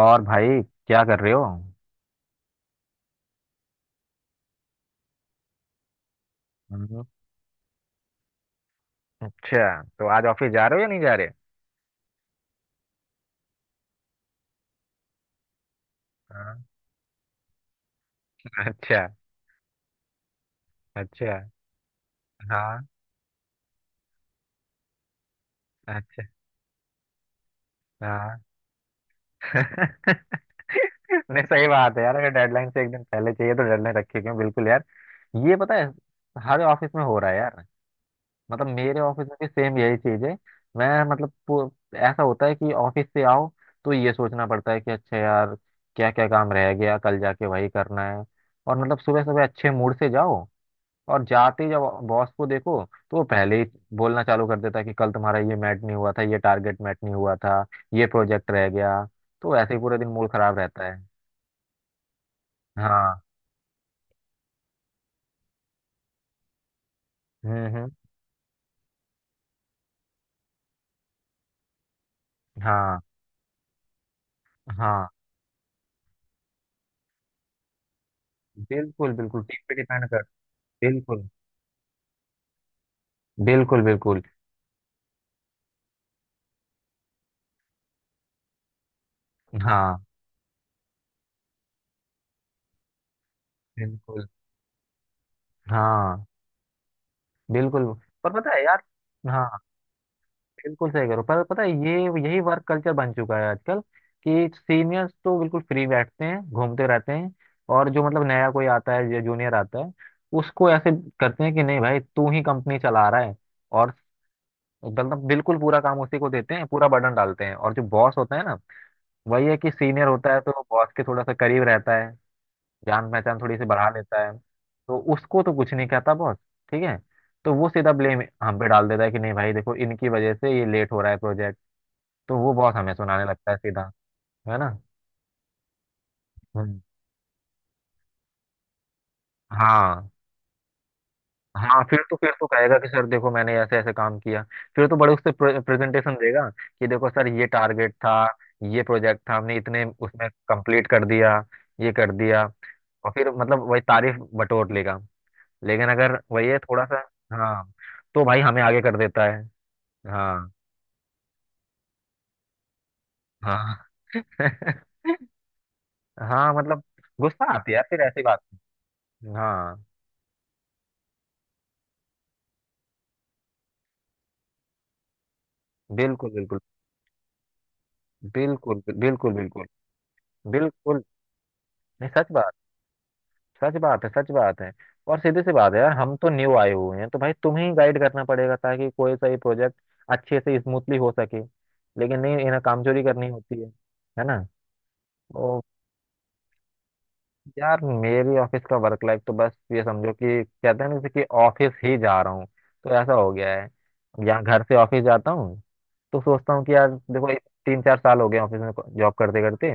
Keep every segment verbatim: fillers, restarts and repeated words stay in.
और भाई, क्या कर रहे हो? हम्म। अच्छा, तो आज ऑफिस जा रहे हो या नहीं जा रहे? हाँ। अच्छा। अच्छा। हाँ। अच्छा। हाँ। नहीं, सही बात है यार। अगर डेडलाइन से एक दिन पहले चाहिए तो डेडलाइन रखी क्यों? बिल्कुल यार। ये पता है, हर ऑफिस में हो रहा है यार। मतलब मेरे ऑफिस में भी सेम यही चीज है। मैं मतलब पू- ऐसा होता है कि ऑफिस से आओ तो ये सोचना पड़ता है कि अच्छा यार, क्या क्या काम रह गया, कल जाके वही करना है। और मतलब सुबह सुबह अच्छे मूड से जाओ, और जाते ही जब बॉस को देखो तो वो पहले ही बोलना चालू कर देता है कि कल तुम्हारा ये मैट नहीं हुआ था, ये टारगेट मैट नहीं हुआ था, ये प्रोजेक्ट रह गया। तो ऐसे ही पूरा दिन मूड खराब रहता है। हाँ। हम्म हम्म। हाँ। हाँ, बिल्कुल बिल्कुल, टीम पे डिपेंड कर। बिल्कुल बिल्कुल बिल्कुल। हाँ। बिल्कुल। हाँ। बिल्कुल। पर पता है यार। हाँ। बिल्कुल सही करो, पर पता है ये यही वर्क कल्चर बन चुका है आजकल। कि सीनियर्स तो बिल्कुल फ्री बैठते हैं, घूमते रहते हैं, और जो मतलब नया कोई आता है या जूनियर आता है उसको ऐसे करते हैं कि नहीं भाई तू ही कंपनी चला रहा है। और मतलब बिल्कुल पूरा काम उसी को देते हैं, पूरा बर्डन डालते हैं। और जो बॉस होता है ना, वही है कि सीनियर होता है तो बॉस के थोड़ा सा करीब रहता है, जान पहचान थोड़ी सी बढ़ा लेता है, तो उसको तो कुछ नहीं कहता बॉस। ठीक है। तो वो सीधा ब्लेम हम पे डाल देता है कि नहीं भाई देखो, इनकी वजह से ये लेट हो रहा है प्रोजेक्ट। तो वो बहुत हमें सुनाने लगता है सीधा। है ना। हम्म। हाँ। हाँ, फिर तो फिर तो कहेगा कि सर देखो मैंने ऐसे ऐसे काम किया। फिर तो बड़े उससे प्रेजेंटेशन देगा कि देखो सर ये टारगेट था, ये प्रोजेक्ट था, हमने इतने उसमें कंप्लीट कर दिया, ये कर दिया। और फिर मतलब वही तारीफ बटोर लेगा। लेकिन अगर वही है थोड़ा सा, हाँ, तो भाई हमें आगे कर देता है। हाँ। हाँ। हाँ मतलब गुस्सा आती है यार फिर ऐसी बात। हाँ। बिल्कुल बिल्कुल बिल्कुल। बिल्कुल बिल्कुल बिल्कुल। नहीं, सच बात। सच बात है, सच बात है। और सीधी सी बात है यार, हम तो न्यू आए हुए हैं, तो भाई तुम्हें ही गाइड करना पड़ेगा ताकि कोई सा ये प्रोजेक्ट अच्छे से स्मूथली हो सके। लेकिन नहीं, इन्हें कामचोरी करनी होती है। है ना। तो यार मेरी ऑफिस का वर्क लाइफ तो बस ये समझो कि कहते हैं ना, जैसे कि ऑफिस ही जा रहा हूँ, तो ऐसा हो गया है। यहाँ घर से ऑफिस जाता हूँ तो सोचता हूँ कि यार देखो, ये तीन चार साल हो गए ऑफिस में जॉब करते करते।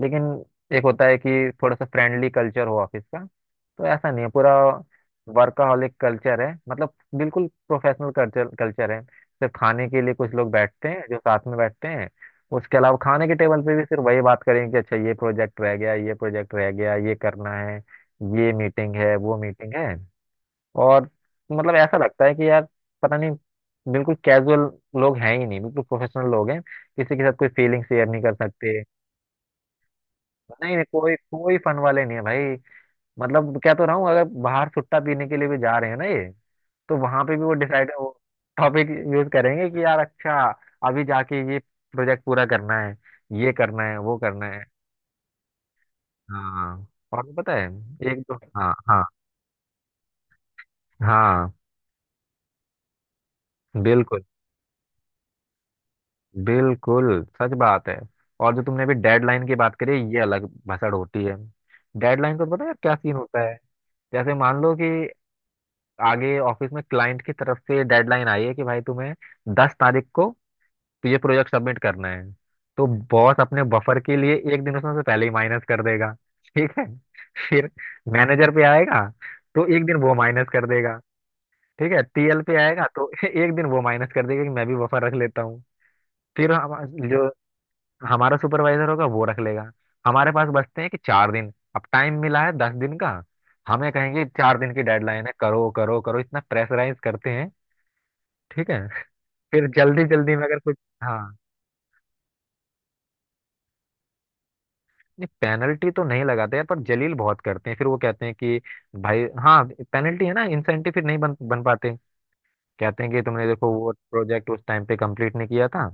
लेकिन एक होता है कि थोड़ा सा फ्रेंडली कल्चर हो ऑफिस का, तो ऐसा नहीं है। पूरा वर्कaholic कल्चर है मतलब, बिल्कुल प्रोफेशनल कल्चर कल्चर है। सिर्फ खाने के लिए कुछ लोग बैठते हैं जो साथ में बैठते हैं। उसके अलावा खाने के टेबल पे भी सिर्फ वही बात करेंगे कि अच्छा ये प्रोजेक्ट रह गया, ये प्रोजेक्ट रह गया, ये करना है, ये मीटिंग है, वो मीटिंग है। और मतलब ऐसा लगता है कि यार पता नहीं, बिल्कुल कैजुअल लोग हैं ही नहीं, बिल्कुल प्रोफेशनल लोग हैं, किसी के साथ कोई फीलिंग शेयर नहीं कर सकते। नहीं नहीं, कोई कोई फन वाले नहीं है भाई। मतलब क्या तो रहा हूँ, अगर बाहर सुट्टा पीने के लिए भी जा रहे हैं ना ये, तो वहां पे भी वो डिसाइड वो टॉपिक यूज करेंगे कि यार अच्छा अभी जाके ये प्रोजेक्ट पूरा करना है, ये करना है, वो करना है। हाँ। और पता है, एक दो हाँ हाँ। हाँ। बिल्कुल बिल्कुल, सच बात है। और जो तुमने अभी डेडलाइन की बात करी, ये अलग भसड़ होती है। डेडलाइन को तो पता है क्या सीन होता है? जैसे मान लो कि आगे ऑफिस में क्लाइंट की तरफ से डेडलाइन आई है कि भाई तुम्हें दस तारीख को ये प्रोजेक्ट सबमिट करना है, तो बॉस अपने बफर के लिए एक दिन उसमें से पहले ही माइनस कर देगा। ठीक है। फिर मैनेजर पे आएगा, तो एक दिन वो माइनस कर देगा। ठीक है। टीएल पे आएगा तो एक दिन वो माइनस कर देगा कि मैं भी बफर रख लेता हूँ। फिर हम जो हमारा सुपरवाइजर होगा, वो रख लेगा। हमारे पास बचते हैं कि चार दिन। अब टाइम मिला है दस दिन का, हमें कहेंगे चार दिन की डेडलाइन है। करो करो करो, इतना प्रेशराइज करते हैं। ठीक है। फिर जल्दी जल्दी में अगर कुछ। हाँ। नहीं पेनल्टी तो नहीं लगाते हैं, पर जलील बहुत करते हैं। फिर वो कहते हैं कि भाई, हाँ पेनल्टी है ना, इंसेंटिव फिर नहीं बन बन पाते। कहते हैं कि तुमने देखो वो प्रोजेक्ट उस टाइम पे कंप्लीट नहीं किया था,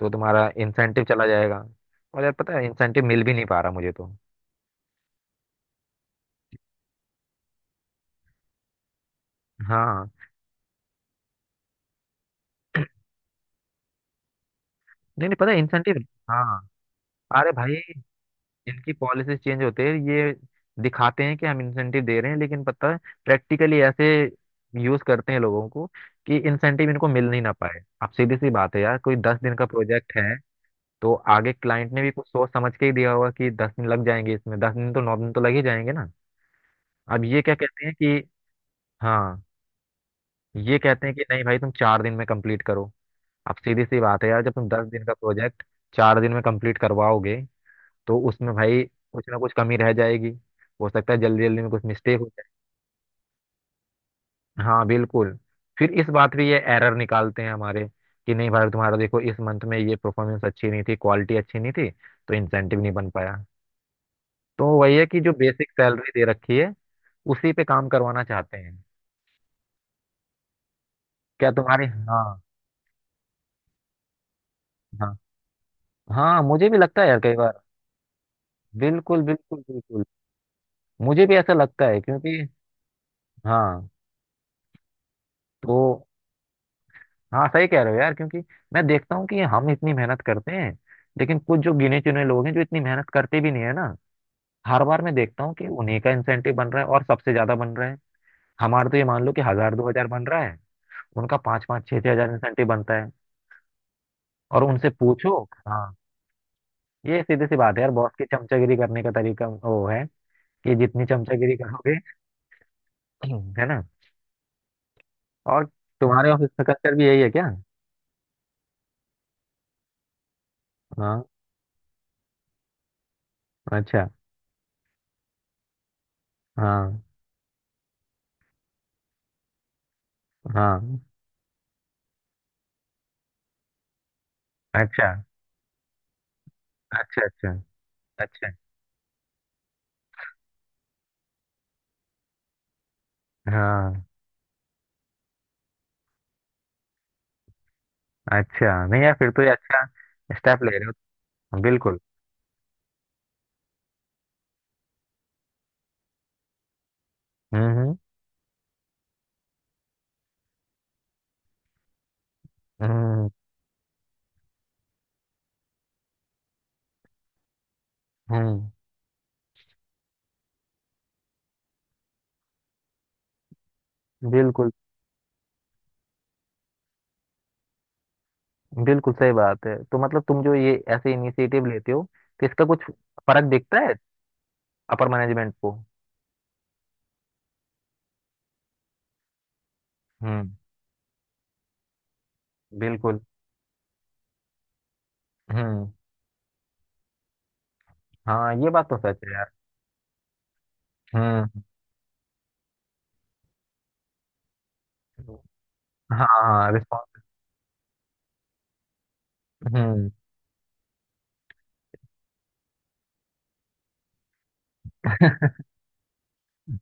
तो तुम्हारा इंसेंटिव चला जाएगा। और यार पता है, इंसेंटिव मिल भी नहीं पा रहा मुझे तो। हाँ। नहीं नहीं, पता है इंसेंटिव। हाँ। अरे भाई, इनकी पॉलिसी चेंज होती है। ये दिखाते हैं कि हम इंसेंटिव दे रहे हैं, लेकिन पता है, प्रैक्टिकली ऐसे यूज करते हैं लोगों को कि इंसेंटिव इनको मिल नहीं ना पाए। अब सीधी सी बात है यार, कोई दस दिन का प्रोजेक्ट है, तो आगे क्लाइंट ने भी कुछ सोच समझ के ही दिया होगा कि दस दिन लग जाएंगे इसमें, दस दिन तो नौ दिन तो लग ही जाएंगे ना। अब ये क्या कहते हैं कि, हाँ, ये कहते हैं कि नहीं भाई तुम चार दिन में कंप्लीट करो। अब सीधी सी बात है यार, जब तुम दस दिन का प्रोजेक्ट चार दिन में कंप्लीट करवाओगे तो उसमें भाई कुछ ना कुछ कमी रह जाएगी। हो सकता है जल्दी जल्दी में कुछ मिस्टेक हो जाए। हाँ बिल्कुल। फिर इस बात पे ये एरर निकालते हैं हमारे, कि नहीं भाई तुम्हारा देखो इस मंथ में ये परफॉर्मेंस अच्छी नहीं थी, क्वालिटी अच्छी नहीं थी, तो इंसेंटिव नहीं बन पाया। तो वही है कि जो बेसिक सैलरी दे रखी है, उसी पे काम करवाना चाहते हैं। क्या तुम्हारे, हाँ। हाँ। हाँ मुझे भी लगता है यार, कई बार। बिल्कुल बिल्कुल बिल्कुल। मुझे भी ऐसा लगता है क्योंकि, हाँ। तो हाँ, सही कह रहे हो यार, क्योंकि मैं देखता हूँ कि हम इतनी मेहनत करते हैं, लेकिन कुछ जो गिने चुने लोग हैं जो इतनी मेहनत करते भी नहीं है ना। हर बार मैं देखता हूँ कि उन्हीं का इंसेंटिव बन रहा है, और सबसे ज्यादा बन रहा है। हमारा तो ये मान लो कि हजार दो हजार बन रहा है, उनका पाँच पाँच छह छह हजार इंसेंटिव बनता है। और उनसे पूछो, हाँ, ये सीधी सी बात है यार, बॉस की चमचागिरी करने का तरीका वो है कि जितनी चमचागिरी करोगे। है ना। और तुम्हारे ऑफिस का कल्चर भी यही है क्या? हाँ। अच्छा। हाँ। हाँ। अच्छा अच्छा। अच्छा। अच्छा। हाँ। अच्छा नहीं यार, फिर तो ये अच्छा स्टेप ले रहे हो बिल्कुल। हम्म हम्म। हम्म हम्म, बिल्कुल। बिल्कुल सही बात है। तो मतलब तुम जो ये ऐसे इनिशिएटिव लेते हो, तो इसका कुछ फर्क दिखता है अपर मैनेजमेंट को? हम्म। बिल्कुल। हम्म। हाँ, ये बात तो सच है यार। हम्म। हाँ हाँ रिस्पॉन्स। हम्म।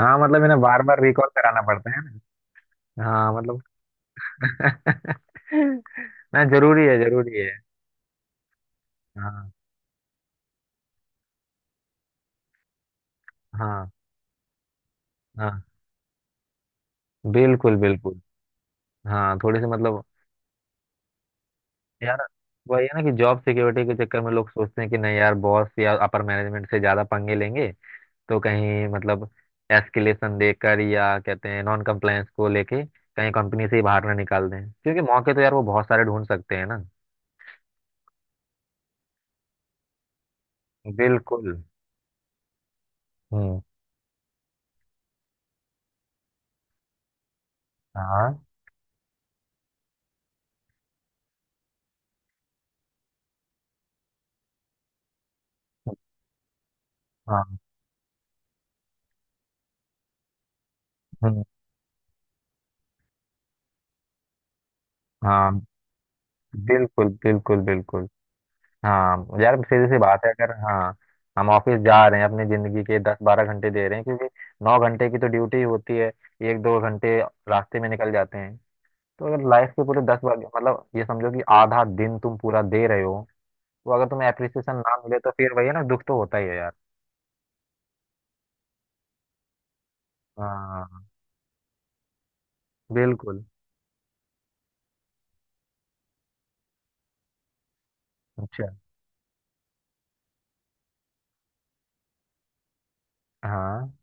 हाँ, मतलब इन्हें बार बार रिकॉल कराना पड़ता है। हाँ मतलब ना, जरूरी है, जरूरी है। हाँ। हाँ। हाँ। बिल्कुल बिल्कुल। हाँ थोड़ी सी मतलब, यार वही है ना कि जॉब सिक्योरिटी के चक्कर में लोग सोचते हैं कि नहीं यार, बॉस या अपर मैनेजमेंट से ज्यादा पंगे लेंगे तो कहीं मतलब एस्केलेशन देकर या कहते हैं नॉन कंप्लायंस को लेके कहीं कंपनी से ही बाहर ना निकाल दें, क्योंकि मौके तो यार वो बहुत सारे ढूंढ सकते हैं ना। बिल्कुल। हम्म। हाँ। हाँ। हम्म। हाँ बिल्कुल बिल्कुल बिल्कुल। हाँ यार, सीधी सी बात है, अगर हाँ हम ऑफिस जा रहे हैं अपनी जिंदगी के दस बारह घंटे दे रहे हैं, क्योंकि नौ घंटे की तो ड्यूटी होती है, एक दो घंटे रास्ते में निकल जाते हैं, तो अगर लाइफ के पूरे दस बार मतलब ये समझो कि आधा दिन तुम पूरा दे रहे हो, तो अगर तुम्हें अप्रिसिएशन ना मिले तो फिर वही है ना, दुख तो होता ही है यार। हाँ। बिल्कुल। अच्छा। हाँ।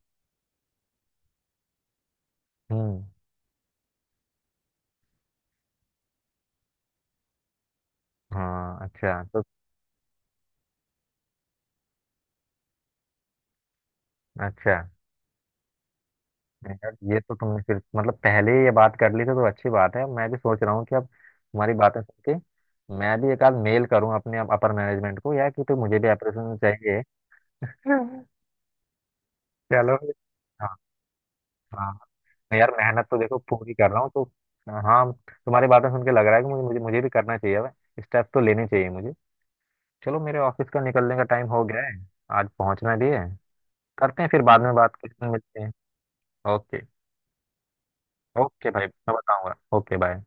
हम्म। हाँ। अच्छा। तो अच्छा, नहीं यार ये तो तुमने फिर मतलब पहले ही ये बात कर ली थी, तो अच्छी बात है। मैं भी सोच रहा हूँ कि अब तुम्हारी बातें सुन के मैं भी एक आध मेल करूँ अपने अपर मैनेजमेंट को यार, कि तो मुझे भी अप्रिसिएशन चाहिए। चलो फिर। हाँ। हाँ। यार मेहनत तो देखो पूरी कर रहा हूँ, तो हाँ, तुम्हारी बातें सुन के लग रहा है कि मुझे मुझे, मुझे भी करना चाहिए अब। स्टेप तो लेने चाहिए मुझे। चलो, मेरे ऑफिस का निकलने का टाइम हो गया है, आज पहुंचना भी है। करते हैं, फिर बाद में बात करते हैं, मिलते हैं। ओके ओके भाई। मैं बताऊंगा, ओके बाय।